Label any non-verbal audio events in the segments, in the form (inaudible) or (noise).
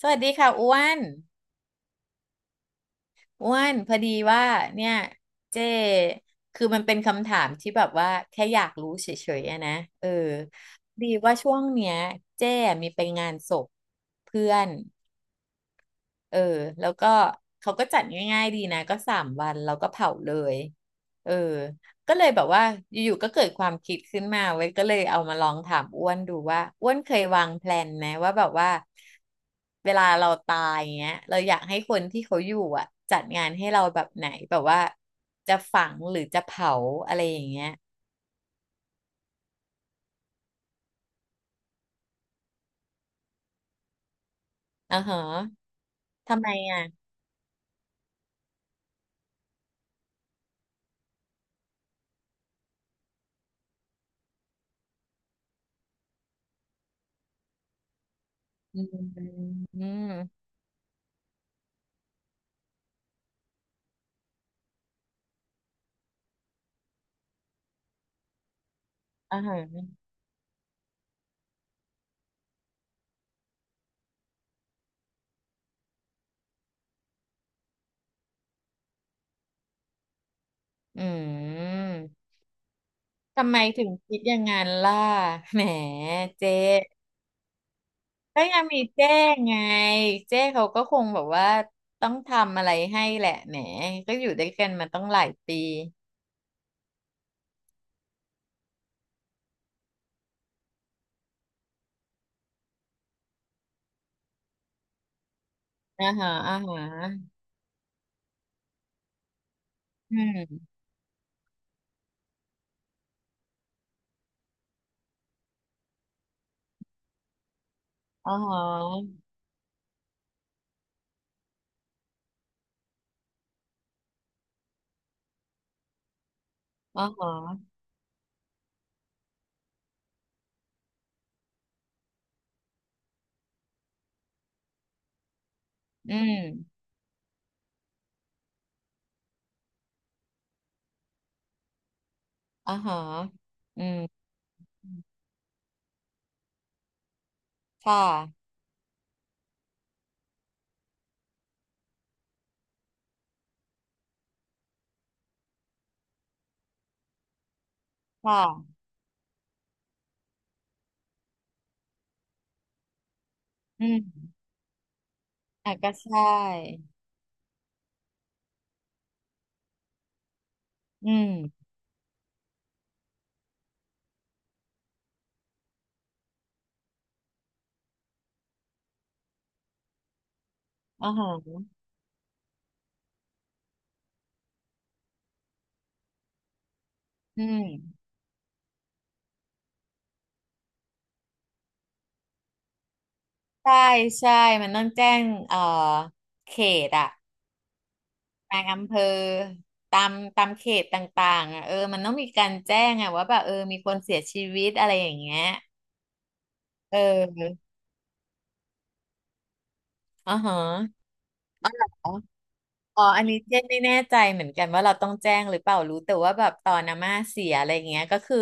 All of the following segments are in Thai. สวัสดีค่ะอ้วนอ้วนพอดีว่าเนี่ยเจ้คือมันเป็นคำถามที่แบบว่าแค่อยากรู้เฉยๆอะนะเออพอดีว่าช่วงเนี้ยเจ้มีไปงานศพเพื่อน เออแล้วก็เขาก็จัดง่ายๆดีนะก็สามวันเราก็เผาเลยเออก็เลยแบบว่าอยู่ๆก็เกิดความคิดขึ้นมาเว้ยก็เลยเอามาลองถามอ้วนดูว่าอ้วนเคยวางแพลนไหมว่าแบบว่าเวลาเราตายเงี้ยเราอยากให้คนที่เขาอยู่อ่ะจัดงานให้เราแบบไหนแบบว่าจะฝังหรือจะเผาอะไรอย่างเงี้ยอ่าฮะทำไมอ่ะอืมอืมอ่าฮะอืม ทำไมถึงคิดอย่างนั้นล่ะแหมเจ๊ก็ยังมีเจ๊ไงเจ๊เขาก็คงแบบว่าต้องทำอะไรให้แหละแหมก็อยู่ด้วยกันมาต้องหลายปีอ่าฮะอ่าฮะอืมอ่าฮะอ่าฮะอืมอ่าฮะอืมค่ะค่ะอืมอ่ะก็ใช่อืมอ่าฮะอืมใช่ใช่มันต้องแจ้งเขตอะ บางอำเภอตามเขตต่างๆอ่ะเออมันต้องมีการแจ้งอ่ะว่าแบบเออมีคนเสียชีวิตอะไรอย่างเงี้ยเอออ๋อฮะอ๋อเหรอ อ๋ออันนี้เจ๊ไม่แน่ใจเหมือนกันว่าเราต้องแจ้งหรือเปล่ารู้แต่ว่าแบบตอนอาม่าเสียอะไรเงี้ยก็คือ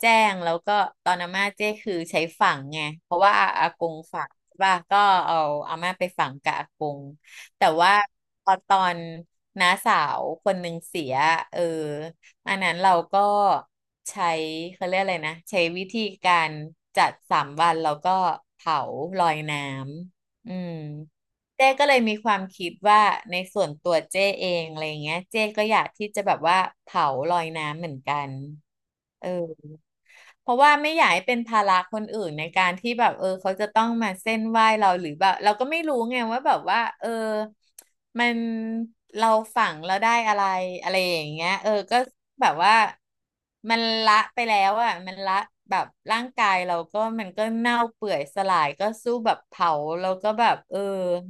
แจ้งแล้วก็ตอนอาม่าเจ๊คือใช้ฝังไงเพราะว่าอาอากงฝังใช่ป่ะก็เอาอาม่าไปฝังกับอากงแต่ว่าพอตอนน้าสาวคนหนึ่งเสียเอออันนั้นเราก็ใช้เขาเรียกอะไรนะใช้วิธีการจัดสามวันแล้วก็เผาลอยน้ำอืม เจ้ก็เลยมีความคิดว่าในส่วนตัวเจ้เองอะไรเงี้ยเจ้ก็อยากที่จะแบบว่าเผาลอยน้ำเหมือนกันเออ เพราะว่าไม่อยากให้เป็นภาระคนอื่นในการที่แบบเออเขาจะต้องมาเส้นไหว้เราหรือแบบเราก็ไม่รู้ไงว่าแบบว่าเออมันเราฝังเราได้อะไรอะไรอย่างเงี้ยเออก็แบบว่ามันละไปแล้วอ่ะมันละแบบร่างกายเราก็มันก็เน่าเปื่อยสลายก็สู้แบบเผาแล้วก็แบบเออ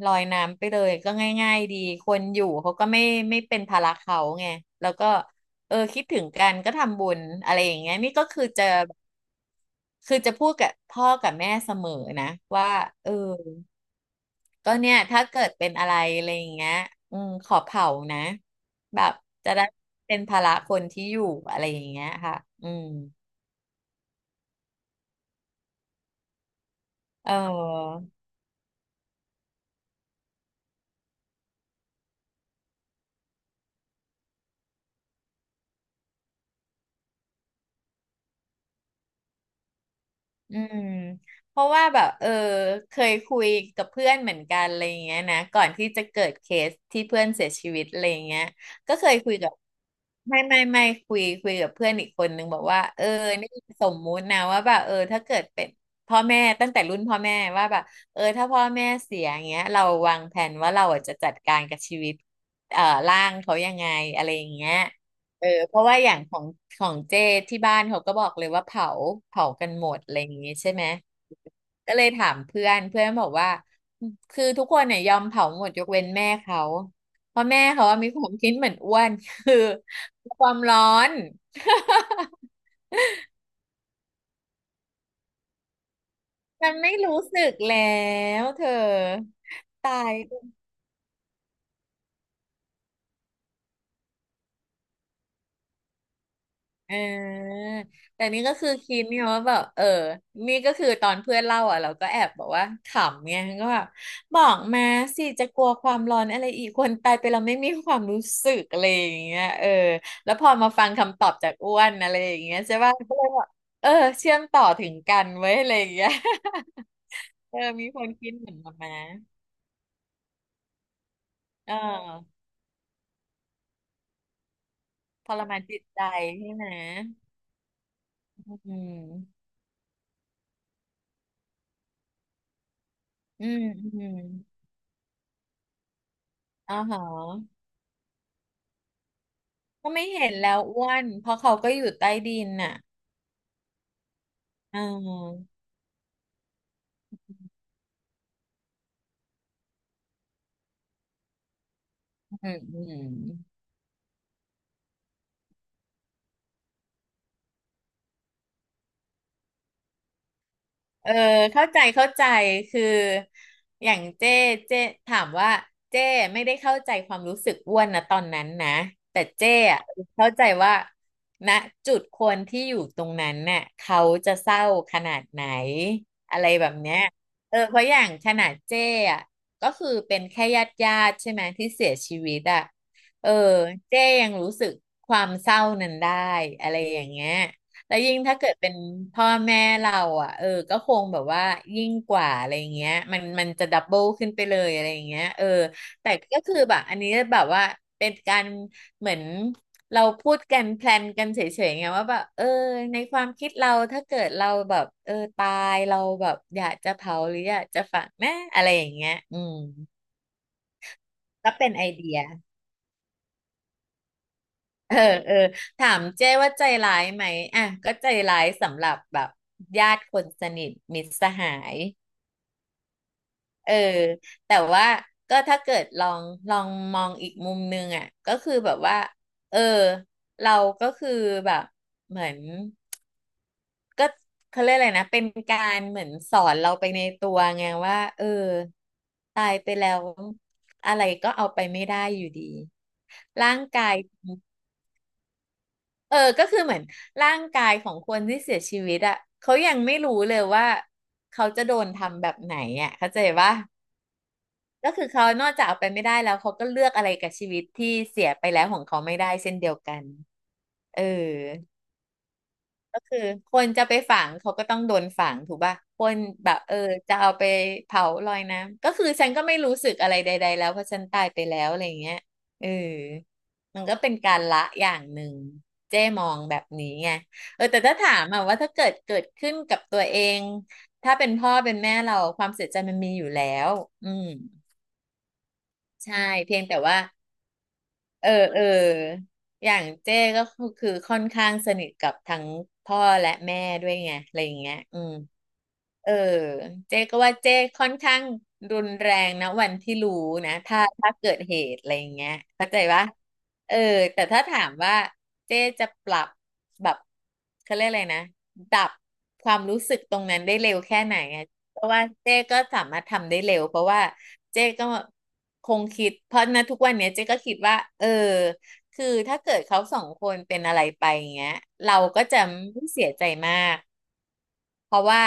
ลอยน้ำไปเลยก็ง่ายๆดีคนอยู่เขาก็ไม่เป็นภาระเขาไงแล้วก็ เออคิดถึงกันก็ทำบุญอะไรอย่างเงี้ยนี่ก็คือจะคือจะพูดกับพ่อกับแม่เสมอนะว่าเออก็เนี่ยถ้าเกิดเป็นอะไรอะไรอย่างเงี้ยอืมขอเผานะแบบจะได้เป็นภาระคนที่อยู่อะไรอย่างเงี้ยค่ะอืมเออ อืมเพราะว่าแบบเออเคยคุยกับเพื่อนเหมือนกันอะไรอย่างเงี้ยนะก่อนที่จะเกิดเคสที่เพื่อนเสียชีวิตอะไรอย่างเงี้ยก็เคยคุยกับไม่คุยกับเพื่อนอีกคนนึงบอกว่าเออนี่สมมุตินะว่าแบบเออถ้าเกิดเป็นพ่อแม่ตั้งแต่รุ่นพ่อแม่ว่าแบบเออถ้าพ่อแม่เสียอย่างเงี้ยเราวางแผนว่าเราอ่ะจะจัดการกับชีวิตร่างเขายังไงอะไรอย่างเงี้ย เออเพราะว่าอย่างของของเจที่บ้านเขาก็บอกเลยว่าเผาเผากันหมดอะไรอย่างงี้ใช่ไหมก็เลยถามเพื่อนเพื่อนบอกว่าคือทุกคนเนี่ยยอมเผาหมดยกเว้นแม่เขาเพราะแม่เขาว่ามีความคิดเหมือนอ้วนคือความร้อน (laughs) มันไม่รู้สึกแล้วเธอตาย เออแต่นี่ก็คือคิดเนี่ยว่าแบบเออนี่ก็คือตอนเพื่อนเล่าอ่ะเราก็แอบบอกว่าขำไงก็แบบบอกมาสิจะกลัวความร้อนอะไรอีกคนตายไปเราไม่มีความรู้สึกอะไรอย่างเงี้ยเออแล้วพอมาฟังคำตอบจากอ้วนอะไรอย่างเงี้ยใช่ป่ะก็เลยแบบเออเชื่อมต่อถึงกันไว้ยอะไรอย่างเงี้ย (laughs) เออมีคนคิดเหมือนมานนะเออทรมานจิตใจใช่ไหมอืมอืมอืมอ๋อเหรอ ก็ไม่เห็นแล้วอ้วนเพราะเขาก็อยู่ใต้ดินน่ะอืมอืมอืม เออเข้าใจเข้าใจคืออย่างเจ้เจ้ถามว่าเจ้ไม่ได้เข้าใจความรู้สึกอ้วนนะตอนนั้นนะแต่เจ้อะเข้าใจว่าณจุดคนที่อยู่ตรงนั้นน่ะเขาจะเศร้าขนาดไหนอะไรแบบเนี้ยเออเพราะอย่างขนาดเจ้อะก็คือเป็นแค่ญาติญาติใช่ไหมที่เสียชีวิตอะเออเจ้ยังรู้สึกความเศร้านั้นได้อะไรอย่างเงี้ย แล้วยิ่งถ้าเกิดเป็นพ่อแม่เราอ่ะเออก็คงแบบว่ายิ่งกว่าอะไรอย่างเงี้ยมันจะดับเบิลขึ้นไปเลยอะไรอย่างเงี้ยเออแต่ก็คือแบบอันนี้แบบว่าเป็นการเหมือนเราพูดกันแพลนกันเฉยๆไงว่าแบบเออในความคิดเราถ้าเกิดเราแบบเออตายเราแบบอยากจะเผาหรืออยากจะฝังนะอะไรอย่างเงี้ยอืมก็เป็นไอเดีย เออเออถามเจ้ว่าใจร้ายไหมอ่ะก็ใจร้ายสำหรับแบบญาติคนสนิทมิตรสหายเออแต่ว่าก็ถ้าเกิดลองลองมองอีกมุมนึงอ่ะก็คือแบบว่าเออเราก็คือแบบเหมือนก็เขาเรียกอะไรนะเป็นการเหมือนสอนเราไปในตัวไงว่าเออตายไปแล้วอะไรก็เอาไปไม่ได้อยู่ดีร่างกาย เออก็คือเหมือนร่างกายของคนที่เสียชีวิตอ่ะเขายังไม่รู้เลยว่าเขาจะโดนทำแบบไหนอ่ะเข้าใจปะก็คือเขานอกจากเอาไปไม่ได้แล้วเขาก็เลือกอะไรกับชีวิตที่เสียไปแล้วของเขาไม่ได้เช่นเดียวกันเออ ก็คือคนจะไปฝังเขาก็ต้องโดนฝังถูกป่ะคนแบบเออจะเอาไปเผาลอยน้ำก็คือฉันก็ไม่รู้สึกอะไรใดๆแล้วเพราะฉันตายไปแล้วอะไรอย่างเงี้ยเออมันก็เป็นการละอย่างหนึ่งเจ้มองแบบนี้ไงเออแต่ถ้าถามอะว่าถ้าเกิดขึ้นกับตัวเองถ้าเป็นพ่อเป็นแม่เราความเสียใจมันมีอยู่แล้วอืมใช่เพียงแต่ว่า เออเอออย่างเจ้ก็คือค่อนข้างสนิทกับทั้งพ่อและแม่ด้วยไงอะไรอย่างเงี้ยอืมเออเจ๊ก็ว่าเจ๊ค่อนข้างรุนแรงนะวันที่รู้นะถ้าเกิดเหตุอะไรอย่างเงี้ยเข้าใจปะเออแต่ถ้าถามว่าเจ๊จะปรับแบบเขาเรียกอะไรนะดับความรู้สึกตรงนั้นได้เร็วแค่ไหนอะ เพราะว่าเจ๊ก็สามารถทำได้เร็วเพราะว่าเจ๊ก็คงคิดเพราะนะทุกวันเนี้ยเจ๊ก็คิดว่าเออคือถ้าเกิดเขาสองคนเป็นอะไรไปอย่างเงี้ยเราก็จะไม่เสียใจมาก เพราะว่า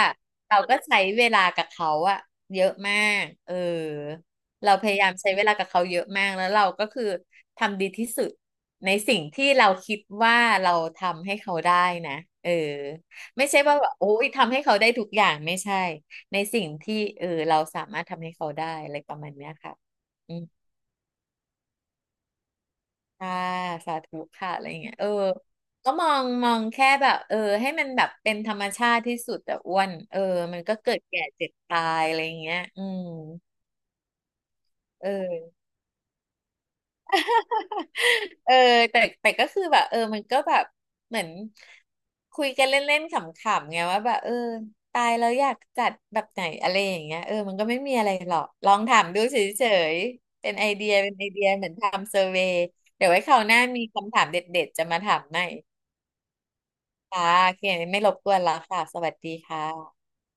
เราก็ใช้เวลากับเขาอะเยอะมากเออเราพยายามใช้เวลากับเขาเยอะมากแล้วเราก็คือทำดีที่สุดในสิ่งที่เราคิดว่าเราทำให้เขาได้นะเออไม่ใช่ว่าแบบโอ้ยทำให้เขาได้ทุกอย่างไม่ใช่ ในสิ่งที่เออเราสามารถทำให้เขาได้อะไรประมาณเนี้ยค่ะ ค่ะสาธุค่ะอะไรอย่างเงี้ยเออก็มองแค่แบบเออให้มันแบบเป็นธรรมชาติที่สุดแต่อ้วนเออมันก็เกิดแก่เจ็บตายอะไรอย่างเงี้ยอืมเออเออแต่ก็คือแบบเออมันก็แบบเหมือนคุยกันเล่นๆขำๆไงว่าแบบเออตายแล้วอยากจัดแบบไหนอะไรอย่างเงี้ยเออมันก็ไม่มีอะไรหรอกลองถามดูเฉยๆเป็นไอเดียเป็นไอเดียเหมือนทำเซอร์เวย์เดี๋ยวไว้คราวหน้ามีคำถามเด็ดๆจะมาถามใหม่ ค่ะโอเคไม่รบกวนแล้วค่ะ สวัสดีค่ะ